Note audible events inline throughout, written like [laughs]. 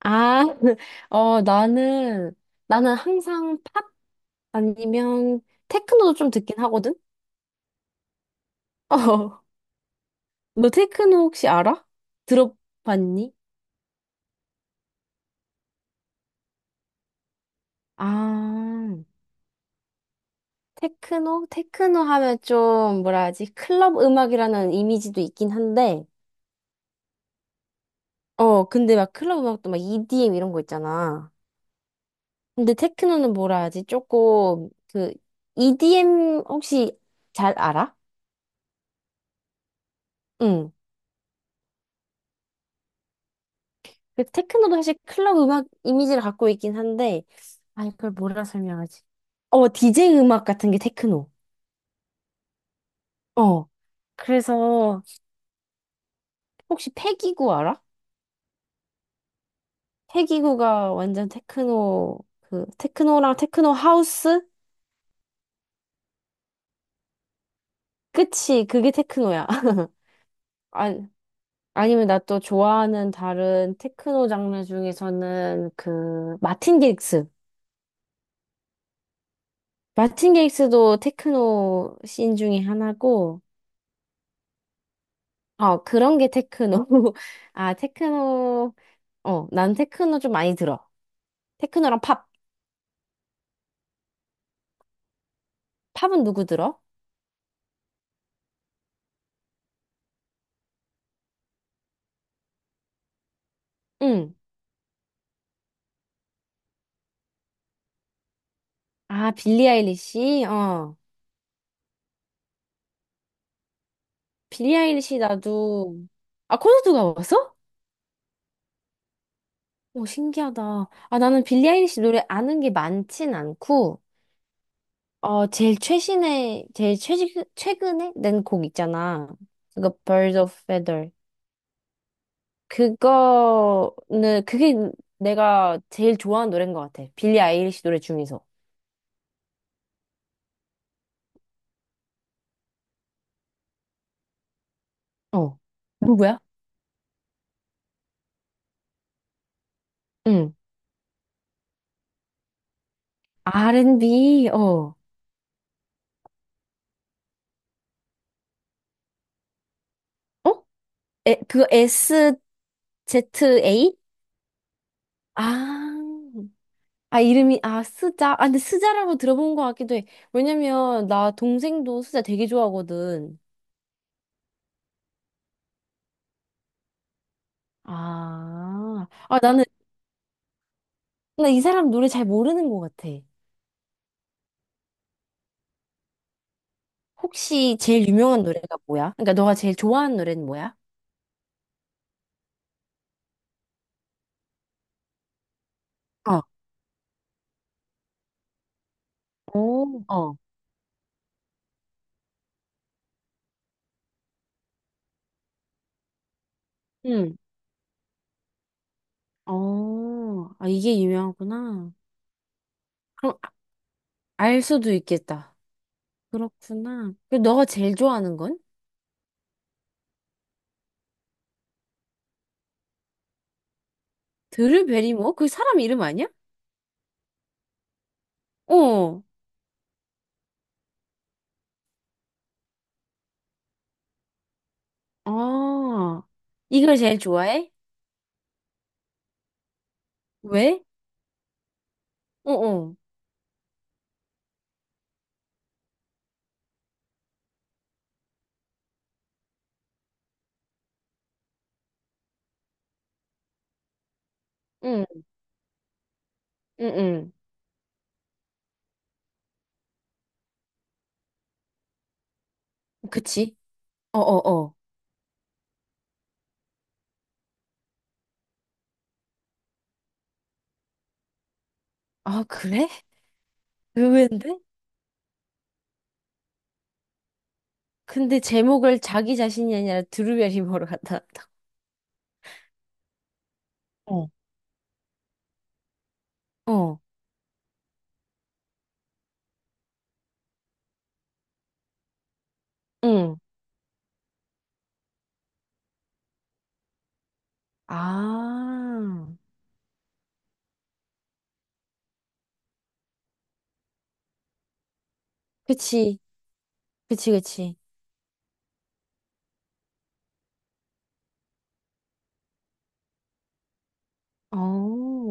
아, [laughs] 어, 나는, 나는 항상 팝 아니면 테크노도 좀 듣긴 하거든? [laughs] 어, 너 테크노 혹시 알아? 들어봤니? 아, 테크노? 테크노 하면 좀, 뭐라 하지? 클럽 음악이라는 이미지도 있긴 한데, 근데 막 클럽 음악도 막 EDM 이런 거 있잖아. 근데 테크노는 뭐라 하지? 조금, 그, EDM 혹시 잘 알아? 응. 그 테크노도 사실 클럽 음악 이미지를 갖고 있긴 한데, 아, 이걸 뭐라 설명하지? 어, 제이 음악 같은 게 테크노. 어, 그래서, 혹시 패기구 알아? 패기구가 완전 테크노, 그, 테크노랑 테크노 하우스? 끝이, 그게 테크노야. [laughs] 아, 아니면 나 또 좋아하는 다른 테크노 장르 중에서는 그, 마틴 게릭스. 마틴 게릭스도 테크노 씬 중에 하나고, 어, 그런 게 테크노. [laughs] 아, 테크노, 어, 난 테크노 좀 많이 들어. 테크노랑 팝. 팝은 누구 들어? 응. 아, 빌리 아일리시? 어. 빌리 아일리시 나도, 아, 콘서트 가봤어? 오, 신기하다. 아, 나는 빌리 아일리시 노래 아는 게 많진 않고, 어, 제일 최신의, 제일 최지, 최근에 낸 곡 있잖아. 그거, Birds of Feather. 그게 내가 제일 좋아하는 노래인 것 같아. 빌리 아일리시 노래 중에서. 어. 누구야? 응. R&B, 어. 어? 에, 그거 SZA? 아, 아, 스자? 아, 근데 스자라고 들어본 것 같기도 해. 왜냐면, 나 동생도 스자 되게 좋아하거든. 아, 아, 나는, 나 이 사람 노래 잘 모르는 것 같아. 혹시 제일 유명한 노래가 뭐야? 그러니까 너가 제일 좋아하는 노래는 뭐야? 어, 오, 어. 응. 어, 아, 이게 유명하구나. 그럼 아- 알 수도 있겠다. 그렇구나. 그럼 너가 제일 좋아하는 건? 드르베리모? 그 사람 이름 아니야? 어, 아, 이걸 제일 좋아해? 왜? 어, 어, 응, 응, 응. 그치? 어, 어, 어. 아, 그래? 의외인데? 근데 제목을 자기 자신이 아니라 드루베리모로 갖다 놨다. [laughs] 어. 어, 응. 아, 그치, 그치, 그치. 어,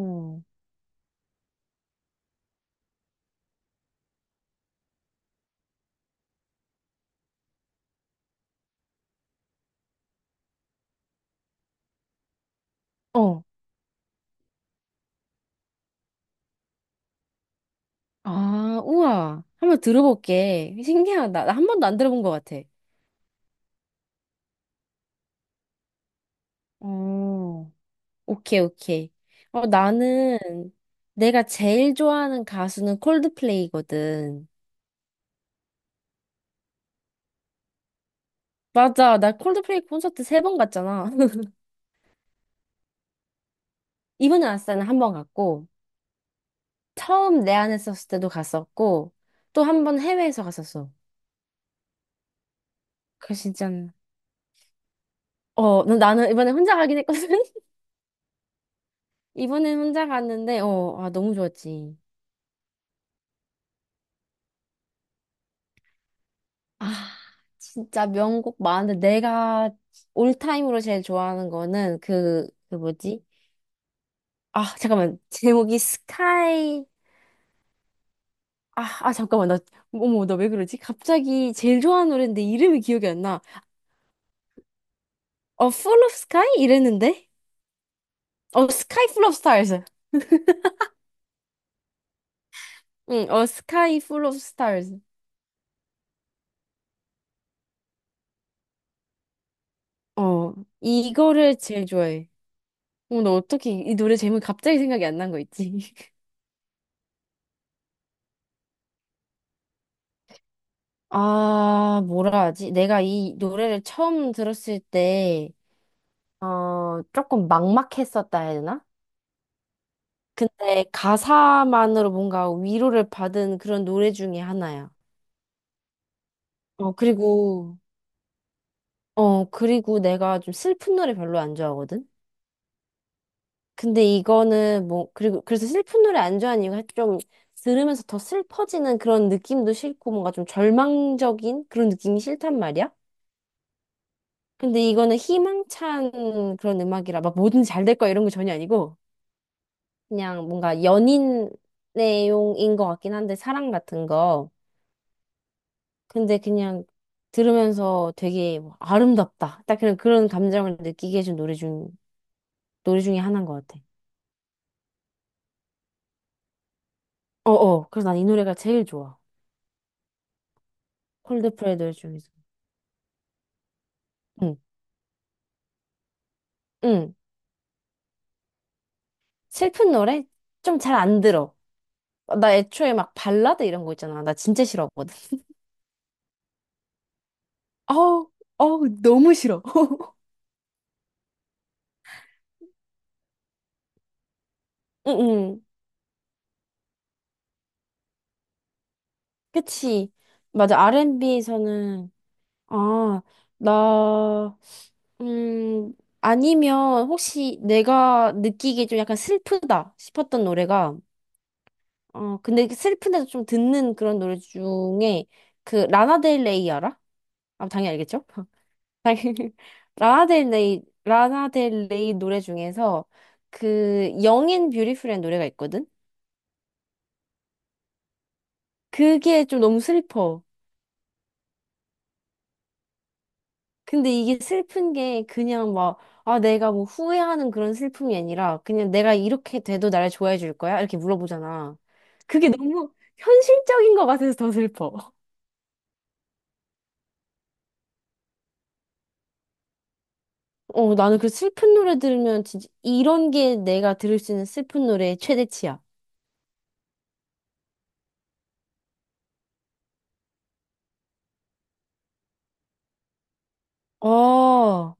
어. 아, 우와. 한번 들어볼게. 신기하다. 나 한 번도 안 들어본 것 같아. 어. 오케이, 오케이. 어, 나는 내가 제일 좋아하는 가수는 콜드플레이거든. 맞아. 나 콜드플레이 콘서트 세 번 갔잖아. [laughs] 이번에 왔을 때는 한 번 갔고, 처음 내한 했었을 때도 갔었고, 또 한 번 해외에서 갔었어. 그 진짜, 나는 이번에 혼자 가긴 했거든? [laughs] 이번엔 혼자 갔는데, 어, 아, 너무 좋았지. 아, 진짜 명곡 많은데, 내가 올타임으로 제일 좋아하는 거는 그, 그 뭐지? 아, 잠깐만. 제목이 스카이. 아, 아, 잠깐만. 나, 어머, 나 왜 그러지? 갑자기 제일 좋아하는 노래인데 이름이 기억이 안 나. 어, Full of Sky? 이랬는데? 어, Sky Full of Stars. 응, 어, Sky Full of Stars. 어, 이거를 제일 좋아해. 어머, 나 어떻게 이 노래 제목이 갑자기 생각이 안 난 거 있지? [laughs] 아, 뭐라 하지? 내가 이 노래를 처음 들었을 때, 어, 조금 막막했었다 해야 되나? 근데 가사만으로 뭔가 위로를 받은 그런 노래 중에 하나야. 어, 그리고, 어, 그리고 내가 좀 슬픈 노래 별로 안 좋아하거든? 근데 이거는 뭐, 그래서 슬픈 노래 안 좋아하는 이유가 좀 들으면서 더 슬퍼지는 그런 느낌도 싫고 뭔가 좀 절망적인 그런 느낌이 싫단 말이야? 근데 이거는 희망찬 그런 음악이라 막 뭐든 잘 될 거야 이런 거 전혀 아니고 그냥 뭔가 연인 내용인 것 같긴 한데 사랑 같은 거. 근데 그냥 들으면서 되게 뭐 아름답다. 딱 그런 그런 감정을 느끼게 해준 노래 중에 하나인 것 같아. 어어. 그래서 난 이 노래가 제일 좋아. 콜드플레이 노래 중에서. 응. 응. 슬픈 노래 좀 잘 안 들어. 나 애초에 막 발라드 이런 거 있잖아. 나 진짜 싫어하거든. 어우, 어우, 너무 싫어. [laughs] 응응. 그치. 맞아. R&B에서는 아, 나 음, 아니면 혹시 내가 느끼기에 좀 약간 슬프다 싶었던 노래가, 어, 근데 그 슬픈데도 좀 듣는 그런 노래 중에 그 라나델레이 알아? 아, 당연히 알겠죠? [laughs] 당연히. 라나델레이 노래 중에서 그 Young and Beautiful이라는 노래가 있거든? 그게 좀 너무 슬퍼. 근데 이게 슬픈 게 아, 내가 뭐 후회하는 그런 슬픔이 아니라 그냥 내가 이렇게 돼도 나를 좋아해 줄 거야? 이렇게 물어보잖아. 그게 너무 현실적인 것 같아서 더 슬퍼. 어, 나는 그 슬픈 노래 들으면 진짜 이런 게 내가 들을 수 있는 슬픈 노래의 최대치야. 어, 어,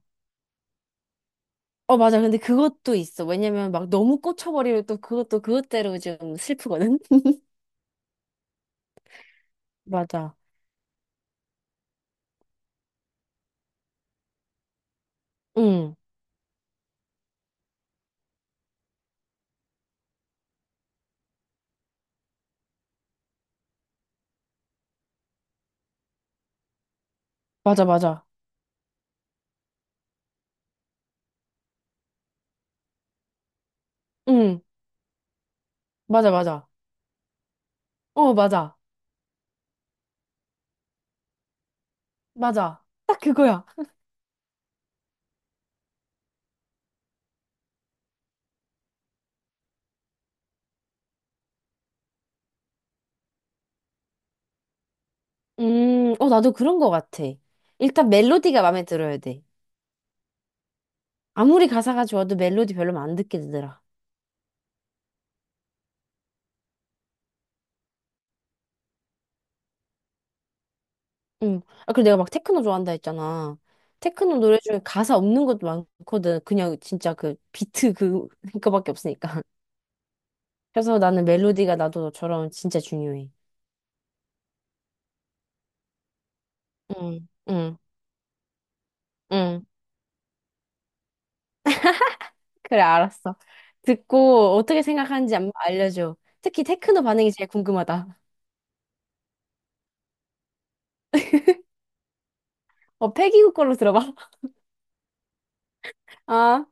맞아. 근데 그것도 있어. 왜냐면 막 너무 꽂혀버리면 또 그것도 그것대로 좀 슬프거든? [laughs] 맞아. 응, 맞아, 맞아. 응, 맞아, 맞아. 어, 맞아. 맞아. 딱 그거야. 어, 나도 그런 거 같아. 일단 멜로디가 마음에 들어야 돼. 아무리 가사가 좋아도 멜로디 별로면 안 듣게 되더라. 응. 아, 그리고 내가 막 테크노 좋아한다 했잖아. 테크노 노래 중에 가사 없는 것도 많거든. 그냥 진짜 그 비트 그, [laughs] 그거밖에 없으니까. 그래서 나는 멜로디가 나도 너처럼 진짜 중요해. 응, 응, 응. 그래, 알았어. 듣고 어떻게 생각하는지 알려줘. 특히 테크노 반응이 제일 궁금하다. 어, 패기국 걸로 들어봐. [laughs] 아.